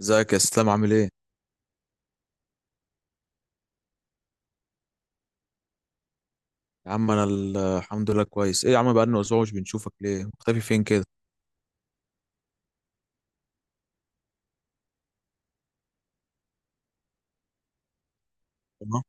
ازيك يا اسلام، عامل ايه؟ يا عم انا الحمد لله كويس. ايه يا عم، بقالنا اسبوع مش بنشوفك، ليه مختفي فين كده؟ تمام.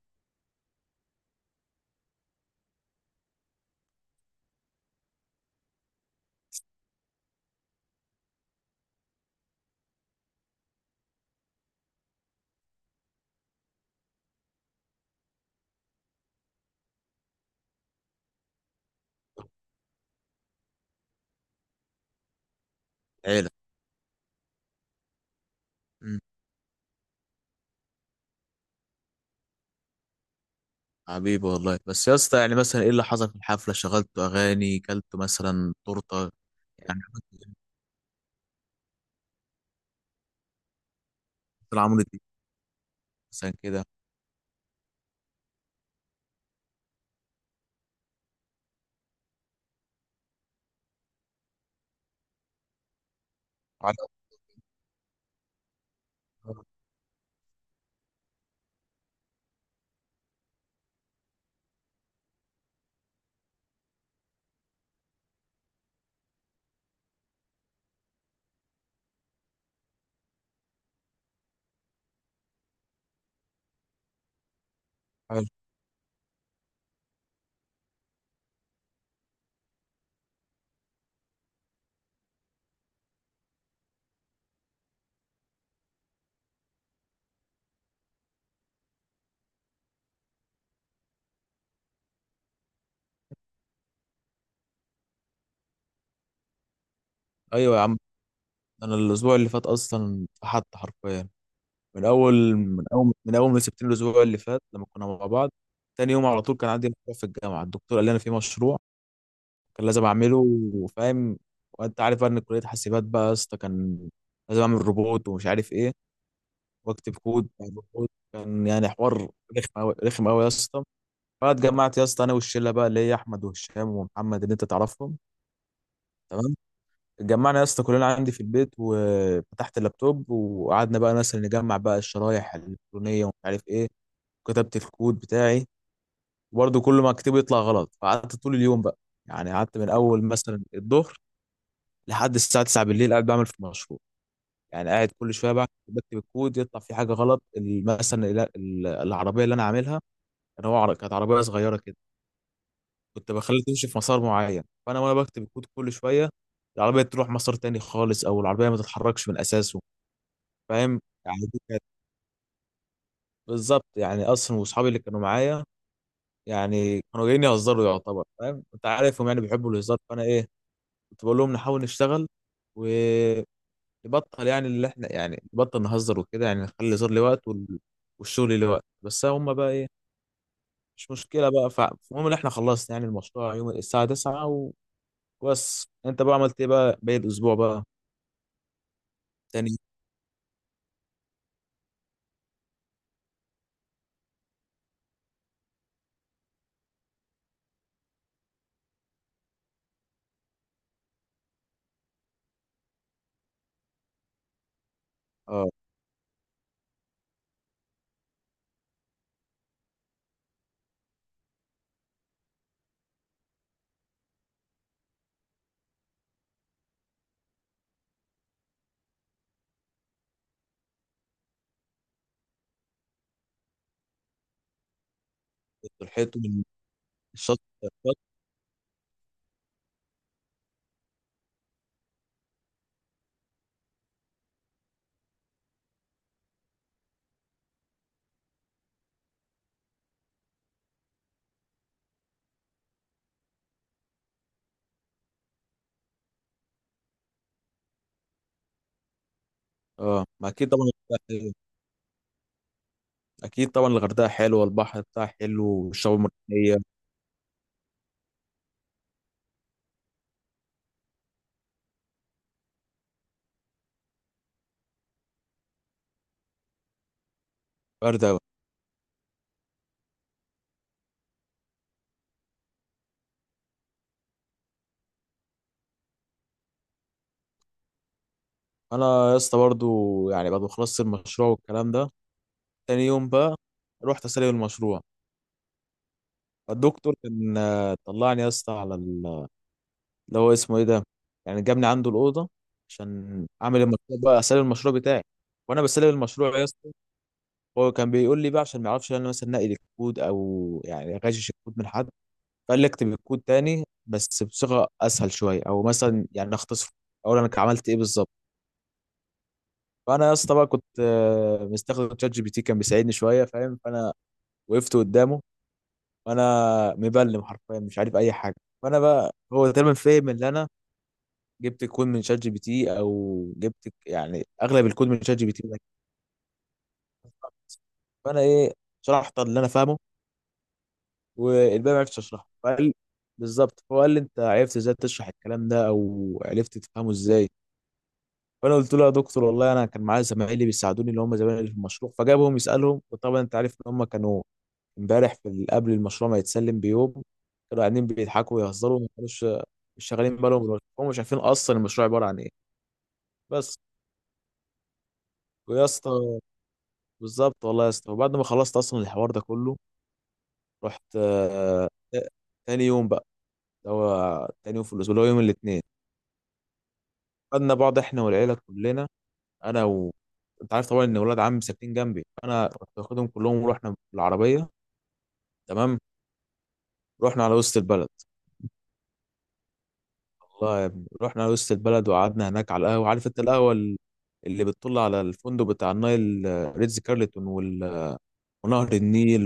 عيله. امم حبيبي والله. بس يا اسطى يعني مثلا ايه اللي حصل في الحفله؟ شغلتوا اغاني؟ كلتوا مثلا تورته؟ يعني عملت ايه مثلا كده على- حلو. ايوه يا عم، انا الاسبوع اللي فات اصلا فحت حرفيا. من اول ما سبتني الاسبوع اللي فات لما كنا مع بعض، تاني يوم على طول كان عندي مشروع في الجامعه. الدكتور قال لي انا في مشروع كان لازم اعمله، فاهم؟ وانت عارف بقى ان كليه حاسبات بقى يا اسطى، كان لازم اعمل روبوت ومش عارف ايه، واكتب كود بتاع الروبوت. كان يعني حوار رخم قوي رخم قوي يا اسطى. فاتجمعت يا اسطى انا والشله بقى اللي هي احمد وهشام ومحمد اللي انت تعرفهم، تمام. اتجمعنا يا اسطى كلنا عندي في البيت، وفتحت اللابتوب وقعدنا بقى مثلا نجمع بقى الشرايح الالكترونيه ومش عارف ايه، كتبت الكود بتاعي. وبرضه كل ما اكتبه يطلع غلط، فقعدت طول اليوم بقى. يعني قعدت من اول مثلا الظهر لحد الساعه 9 بالليل قاعد بعمل في المشروع. يعني قاعد كل شويه بقى بكتب الكود يطلع في حاجه غلط. مثلا العربيه اللي انا عاملها، كانت عربيه صغيره كده، كنت بخليها تمشي في مسار معين. فانا وانا بكتب الكود، كل شويه العربيه تروح مسار تاني خالص، او العربيه ما تتحركش من اساسه، فاهم. يعني دي كانت بالظبط. يعني اصلا واصحابي اللي كانوا معايا يعني كانوا جايين يهزروا يعتبر، فاهم، انت عارفهم يعني بيحبوا الهزار. فانا ايه، كنت بقول لهم نحاول نشتغل و نبطل يعني اللي احنا، يعني نبطل نهزر وكده، يعني نخلي الهزار ليه وقت وال... والشغل ليه وقت، بس هم بقى ايه؟ مش مشكله بقى. فالمهم ان احنا خلصنا يعني المشروع يوم الساعه 9 وبس. انت بقى عملت ايه بقى باقي الاسبوع بقى؟ تاني. اه، صحيت من الشط الشط. اه ما اكيد طبعا، حلوة. اكيد طبعا الغردقه حلوه، والبحر بتاعها حلو، والشعاب المرجانيه. برد أوي. انا يا اسطى برضو، يعني بعد ما خلصت المشروع والكلام ده، تاني يوم بقى رحت اسلم المشروع. الدكتور كان طلعني يا اسطى على اللي هو اسمه ايه ده، يعني جابني عنده الاوضه عشان اعمل المشروع بقى، اسلم المشروع بتاعي. وانا بسلم المشروع يا اسطى، هو كان بيقول لي بقى عشان ما يعرفش ان انا مثلا نقل الكود او يعني غشش الكود من حد. فقال لي اكتب الكود تاني بس بصيغه اسهل شويه، او مثلا يعني اختصره، اقول انا عملت ايه بالظبط. فانا يا اسطى بقى كنت مستخدم شات جي بي تي، كان بيساعدني شويه، فاهم. فانا وقفت قدامه وانا مبلم حرفيا، مش عارف اي حاجه. فانا بقى هو تقريبا فاهم اللي انا جبت الكود من شات جي بي تي، او جبت يعني اغلب الكود من شات جي بي تي ده. فانا ايه، شرحت اللي انا فاهمه، والباقي ما عرفتش اشرحه. فقال بالظبط، هو قال لي انت عرفت ازاي تشرح الكلام ده، او عرفت تفهمه ازاي؟ فانا قلت له يا دكتور والله انا كان معايا زمايلي بيساعدوني اللي هم زمايلي في المشروع. فجابهم يسالهم، وطبعا انت عارف ان هم كانوا امبارح قبل المشروع ما يتسلم بيوم كانوا قاعدين بيضحكوا ويهزروا، ما كانوش مش شغالين بالهم، هم مش عارفين اصلا المشروع عباره عن ايه. بس. ويا اسطى بالظبط والله يا اسطى، وبعد ما خلصت اصلا الحوار ده كله، رحت تاني يوم بقى اللي هو تاني يوم في الاسبوع اللي هو يوم الاثنين. خدنا بعض احنا والعيله كلنا، انا و انت عارف طبعا ان ولاد عمي ساكنين جنبي، انا كنت واخدهم كلهم ورحنا بالعربيه. تمام. رحنا على وسط البلد. الله يا ابني، رحنا على وسط البلد وقعدنا هناك على القهوه. عارف انت القهوه اللي بتطل على الفندق بتاع النايل، ريتز كارلتون ونهر النيل.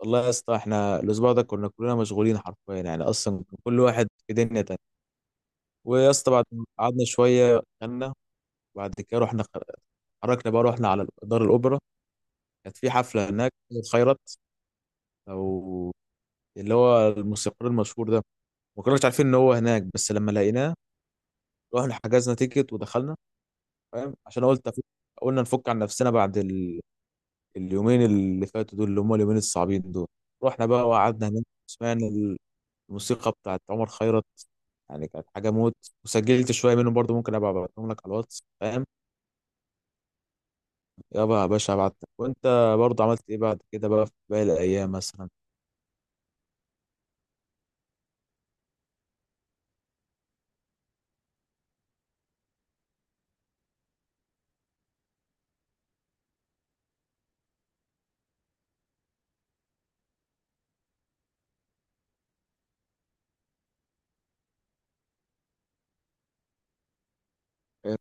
والله يا اسطى احنا الاسبوع ده كنا كلنا مشغولين حرفيا، يعني اصلا كان كل واحد في دنيا تانية. ويا اسطى بعد ما قعدنا شويه غنى، وبعد كده اتحركنا بقى، رحنا على دار الاوبرا. كانت في حفله هناك، خيرت، او اللي هو الموسيقار المشهور ده. ما كناش عارفين ان هو هناك، بس لما لقيناه رحنا حجزنا تيكت ودخلنا، فاهم. عشان قلنا نفك عن نفسنا بعد اليومين اللي فاتوا دول، اللي هم اليومين الصعبين دول. رحنا بقى وقعدنا هناك، سمعنا الموسيقى بتاعت عمر خيرت. يعني كانت حاجة موت. وسجلت شوية منهم برضو، ممكن أبقى أبعتهم لك على الواتس، فاهم. يابا يا باشا أبعت لك. وأنت برضو عملت إيه بعد كده بقى في باقي الأيام مثلا؟ إيه؟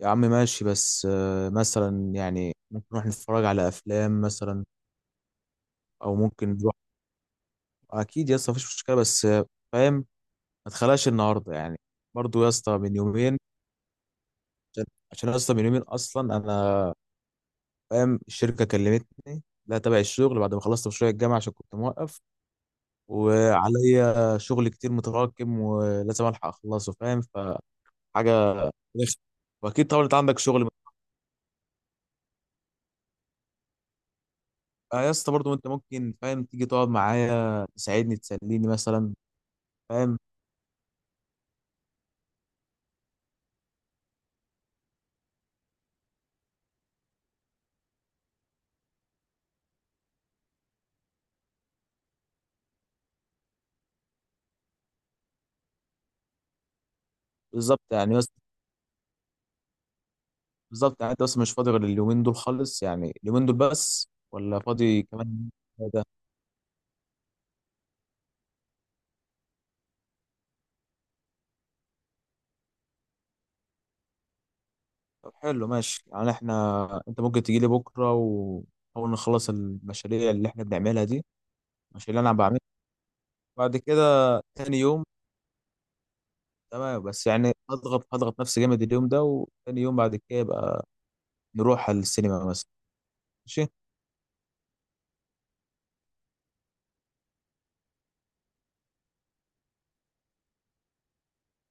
يا عم ماشي، بس مثلا يعني ممكن نروح نتفرج على أفلام مثلا، أو ممكن نروح. أكيد يا اسطى مفيش مشكلة، بس فاهم، ما تخلاش النهاردة يعني. برضو يا اسطى من يومين. عشان عشان يا اسطى من يومين أصلا أنا، فاهم، الشركة كلمتني لا تبع الشغل بعد ما خلصت مشروع الجامعة، عشان كنت موقف. وعليا شغل كتير متراكم ولازم الحق اخلصه، فاهم. فحاجه رخمة. واكيد طبعا انت عندك شغل. آه يا اسطى برضه انت ممكن، فاهم، تيجي تقعد معايا تساعدني تسليني مثلا، فاهم. بالظبط يعني بس، بالظبط يعني انت بس مش فاضي غير اليومين دول خالص؟ يعني اليومين دول بس ولا فاضي كمان ده؟ طب حلو ماشي، يعني احنا انت ممكن تجي لي بكره ونحاول نخلص المشاريع اللي احنا بنعملها دي، المشاريع اللي انا بعملها، بعد كده تاني يوم. تمام بس يعني هضغط هضغط نفسي جامد اليوم ده، وتاني يوم بعد كده يبقى نروح على السينما مثلا. ماشي.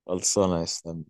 خلصانه يا اسلام.